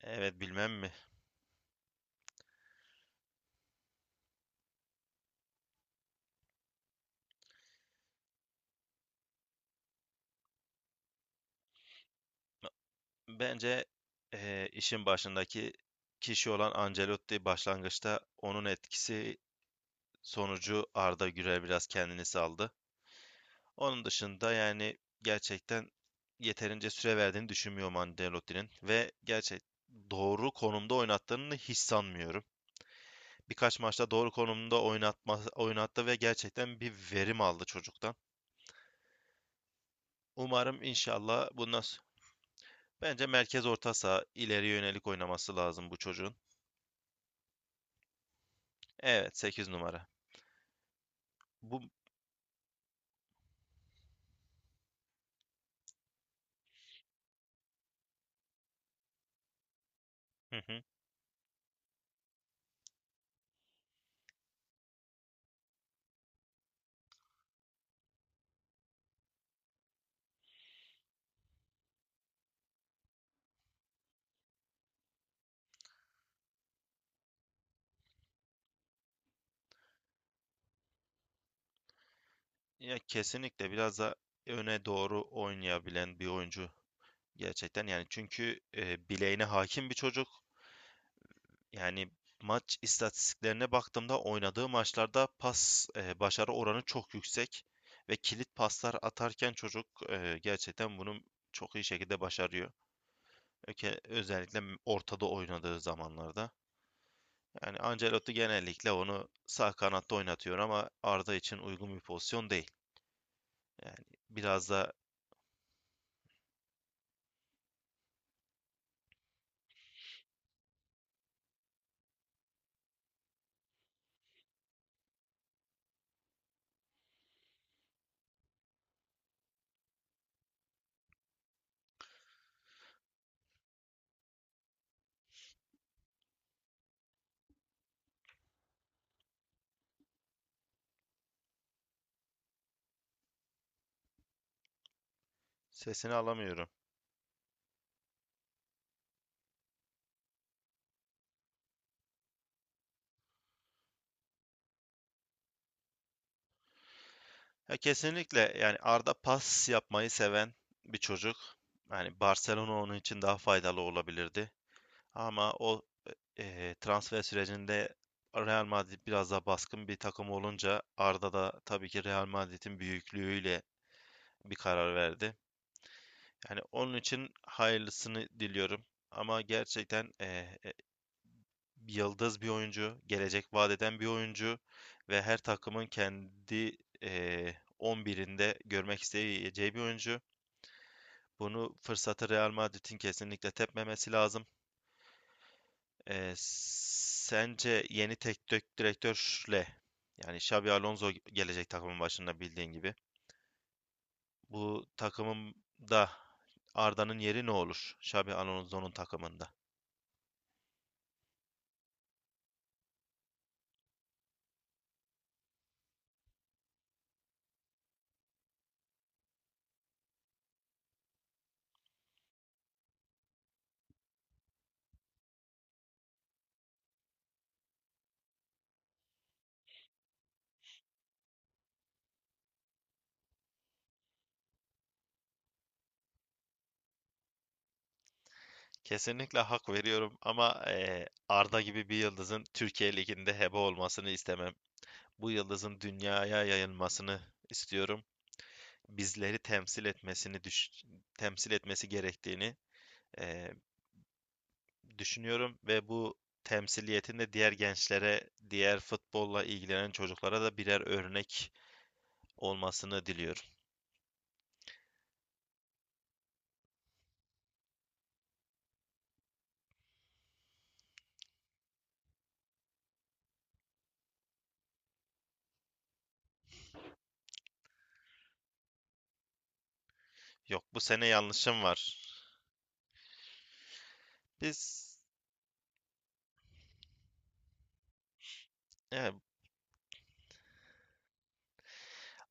Evet bilmem mi? Bence işin başındaki kişi olan Ancelotti başlangıçta onun etkisi sonucu Arda Güler biraz kendini saldı. Onun dışında yani gerçekten yeterince süre verdiğini düşünmüyorum Ancelotti'nin ve gerçek doğru konumda oynattığını hiç sanmıyorum. Birkaç maçta doğru konumda oynatma, oynattı ve gerçekten bir verim aldı çocuktan. Umarım inşallah bundan. Bence merkez orta saha ileriye yönelik oynaması lazım bu çocuğun. Evet, 8 numara. Bu, hı hı. Ya kesinlikle biraz da öne doğru oynayabilen bir oyuncu gerçekten. Yani çünkü bileğine hakim bir çocuk. Yani maç istatistiklerine baktığımda oynadığı maçlarda pas başarı oranı çok yüksek ve kilit paslar atarken çocuk gerçekten bunu çok iyi şekilde başarıyor. Özellikle ortada oynadığı zamanlarda. Yani Ancelotti genellikle onu sağ kanatta oynatıyor ama Arda için uygun bir pozisyon değil. Yani biraz da sesini alamıyorum. Ya kesinlikle yani Arda pas yapmayı seven bir çocuk. Yani Barcelona onun için daha faydalı olabilirdi. Ama o transfer sürecinde Real Madrid biraz daha baskın bir takım olunca Arda da tabii ki Real Madrid'in büyüklüğüyle bir karar verdi. Yani onun için hayırlısını diliyorum. Ama gerçekten yıldız bir oyuncu, gelecek vaat eden bir oyuncu ve her takımın kendi 11'inde görmek isteyeceği bir oyuncu. Bunu fırsatı Real Madrid'in kesinlikle tepmemesi lazım. Sence yeni teknik direktörle yani Xabi Alonso gelecek takımın başında bildiğin gibi. Bu takımın da Arda'nın yeri ne olur? Xabi Alonso'nun takımında. Kesinlikle hak veriyorum ama Arda gibi bir yıldızın Türkiye Ligi'nde hebe olmasını istemem. Bu yıldızın dünyaya yayılmasını istiyorum. Bizleri temsil etmesi gerektiğini eee, düşünüyorum ve bu temsiliyetin de diğer gençlere, diğer futbolla ilgilenen çocuklara da birer örnek olmasını diliyorum. Yok bu sene yanlışım var. Biz evet,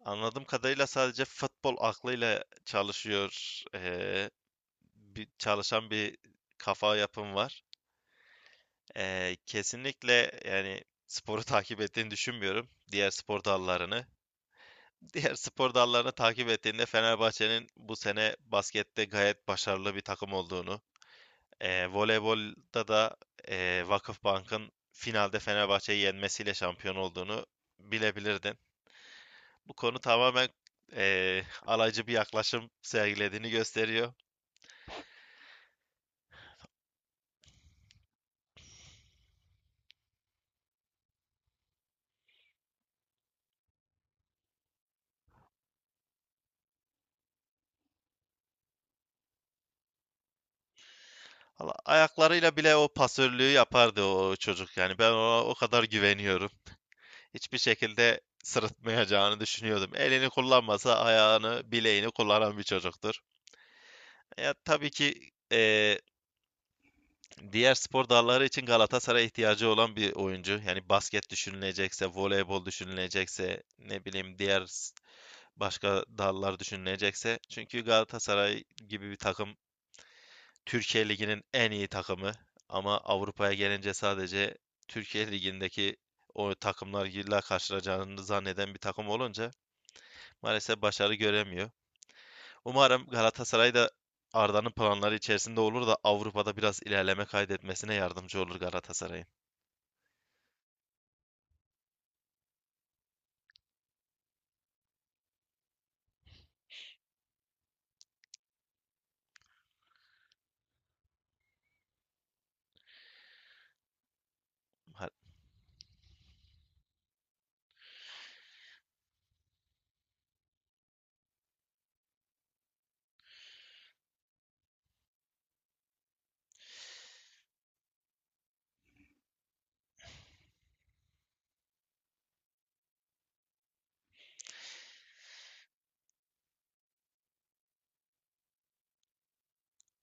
anladığım kadarıyla sadece futbol aklıyla çalışıyor bir çalışan bir kafa yapım var. Kesinlikle yani sporu takip ettiğini düşünmüyorum. Diğer spor dallarını. Diğer spor dallarını takip ettiğinde Fenerbahçe'nin bu sene baskette gayet başarılı bir takım olduğunu, voleybolda da Vakıfbank'ın finalde Fenerbahçe'yi yenmesiyle şampiyon olduğunu bilebilirdin. Bu konu tamamen alaycı bir yaklaşım sergilediğini gösteriyor. Valla ayaklarıyla bile o pasörlüğü yapardı o çocuk. Yani ben ona o kadar güveniyorum. Hiçbir şekilde sırıtmayacağını düşünüyordum. Elini kullanmasa ayağını, bileğini kullanan bir çocuktur. Ya tabii ki eee, diğer spor dalları için Galatasaray'a ihtiyacı olan bir oyuncu. Yani basket düşünülecekse, voleybol düşünülecekse, ne bileyim başka dallar düşünülecekse. Çünkü Galatasaray gibi bir takım Türkiye Ligi'nin en iyi takımı ama Avrupa'ya gelince sadece Türkiye Ligi'ndeki o takımlarla karşılaşacağını zanneden bir takım olunca maalesef başarı göremiyor. Umarım Galatasaray da Arda'nın planları içerisinde olur da Avrupa'da biraz ilerleme kaydetmesine yardımcı olur Galatasaray'ın.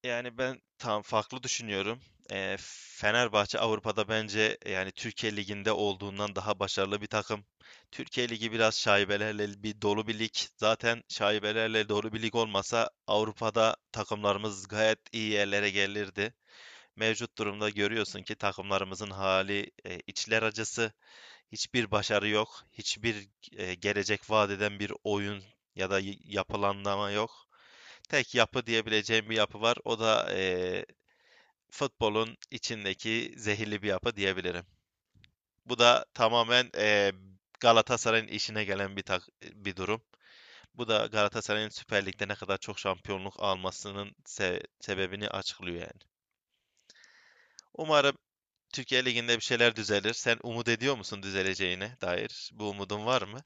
Yani ben tam farklı düşünüyorum. Fenerbahçe Avrupa'da bence yani Türkiye Ligi'nde olduğundan daha başarılı bir takım. Türkiye Ligi biraz şaibelerle bir dolu bir lig. Zaten şaibelerle dolu bir lig olmasa Avrupa'da takımlarımız gayet iyi yerlere gelirdi. Mevcut durumda görüyorsun ki takımlarımızın hali içler acısı. Hiçbir başarı yok. Hiçbir gelecek vaat eden bir oyun ya da yapılanlama yok, tek yapı diyebileceğim bir yapı var. O da e, futbolun içindeki zehirli bir yapı diyebilirim. Bu da tamamen Galatasaray'ın işine gelen bir durum. Bu da Galatasaray'ın Süper Lig'de ne kadar çok şampiyonluk almasının sebebini açıklıyor yani. Umarım Türkiye Ligi'nde bir şeyler düzelir. Sen umut ediyor musun düzeleceğine dair? Bu umudun var mı?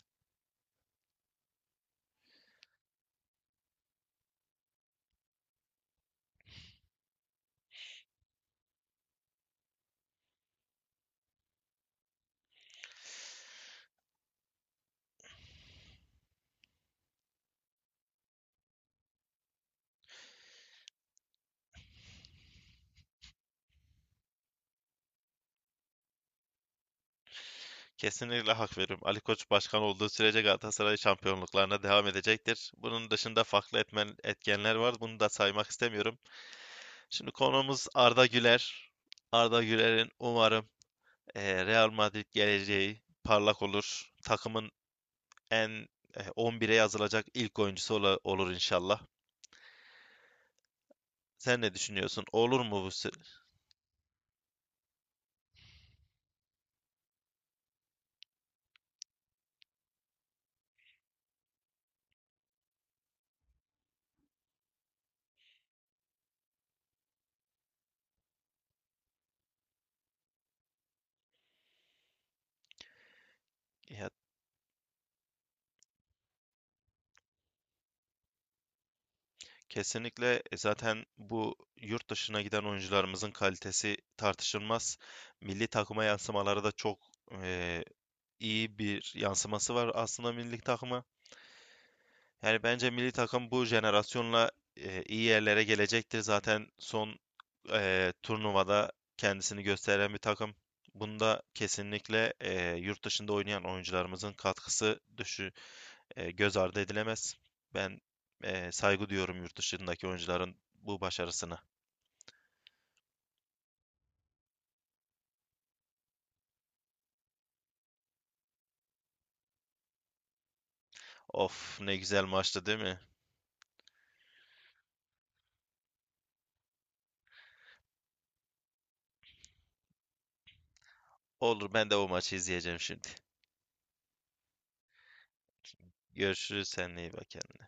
Kesinlikle hak veriyorum. Ali Koç başkan olduğu sürece Galatasaray şampiyonluklarına devam edecektir. Bunun dışında farklı etkenler var. Bunu da saymak istemiyorum. Şimdi konumuz Arda Güler. Arda Güler'in umarım Real Madrid geleceği parlak olur. Takımın en 11'e yazılacak ilk olur inşallah. Sen ne düşünüyorsun? Olur mu bu? Ya, kesinlikle zaten bu yurt dışına giden oyuncularımızın kalitesi tartışılmaz. Milli takıma yansımaları da çok eee, iyi bir yansıması var aslında milli takıma. Yani bence milli takım bu jenerasyonla iyi yerlere gelecektir. Zaten son turnuvada kendisini gösteren bir takım. Bunda kesinlikle yurt dışında oynayan oyuncularımızın katkısı göz ardı edilemez. Ben saygı duyuyorum yurt dışındaki oyuncuların bu başarısına. Of, ne güzel maçtı, değil mi? Olur, ben de o maçı izleyeceğim şimdi. Görüşürüz seninle, iyi bak kendine.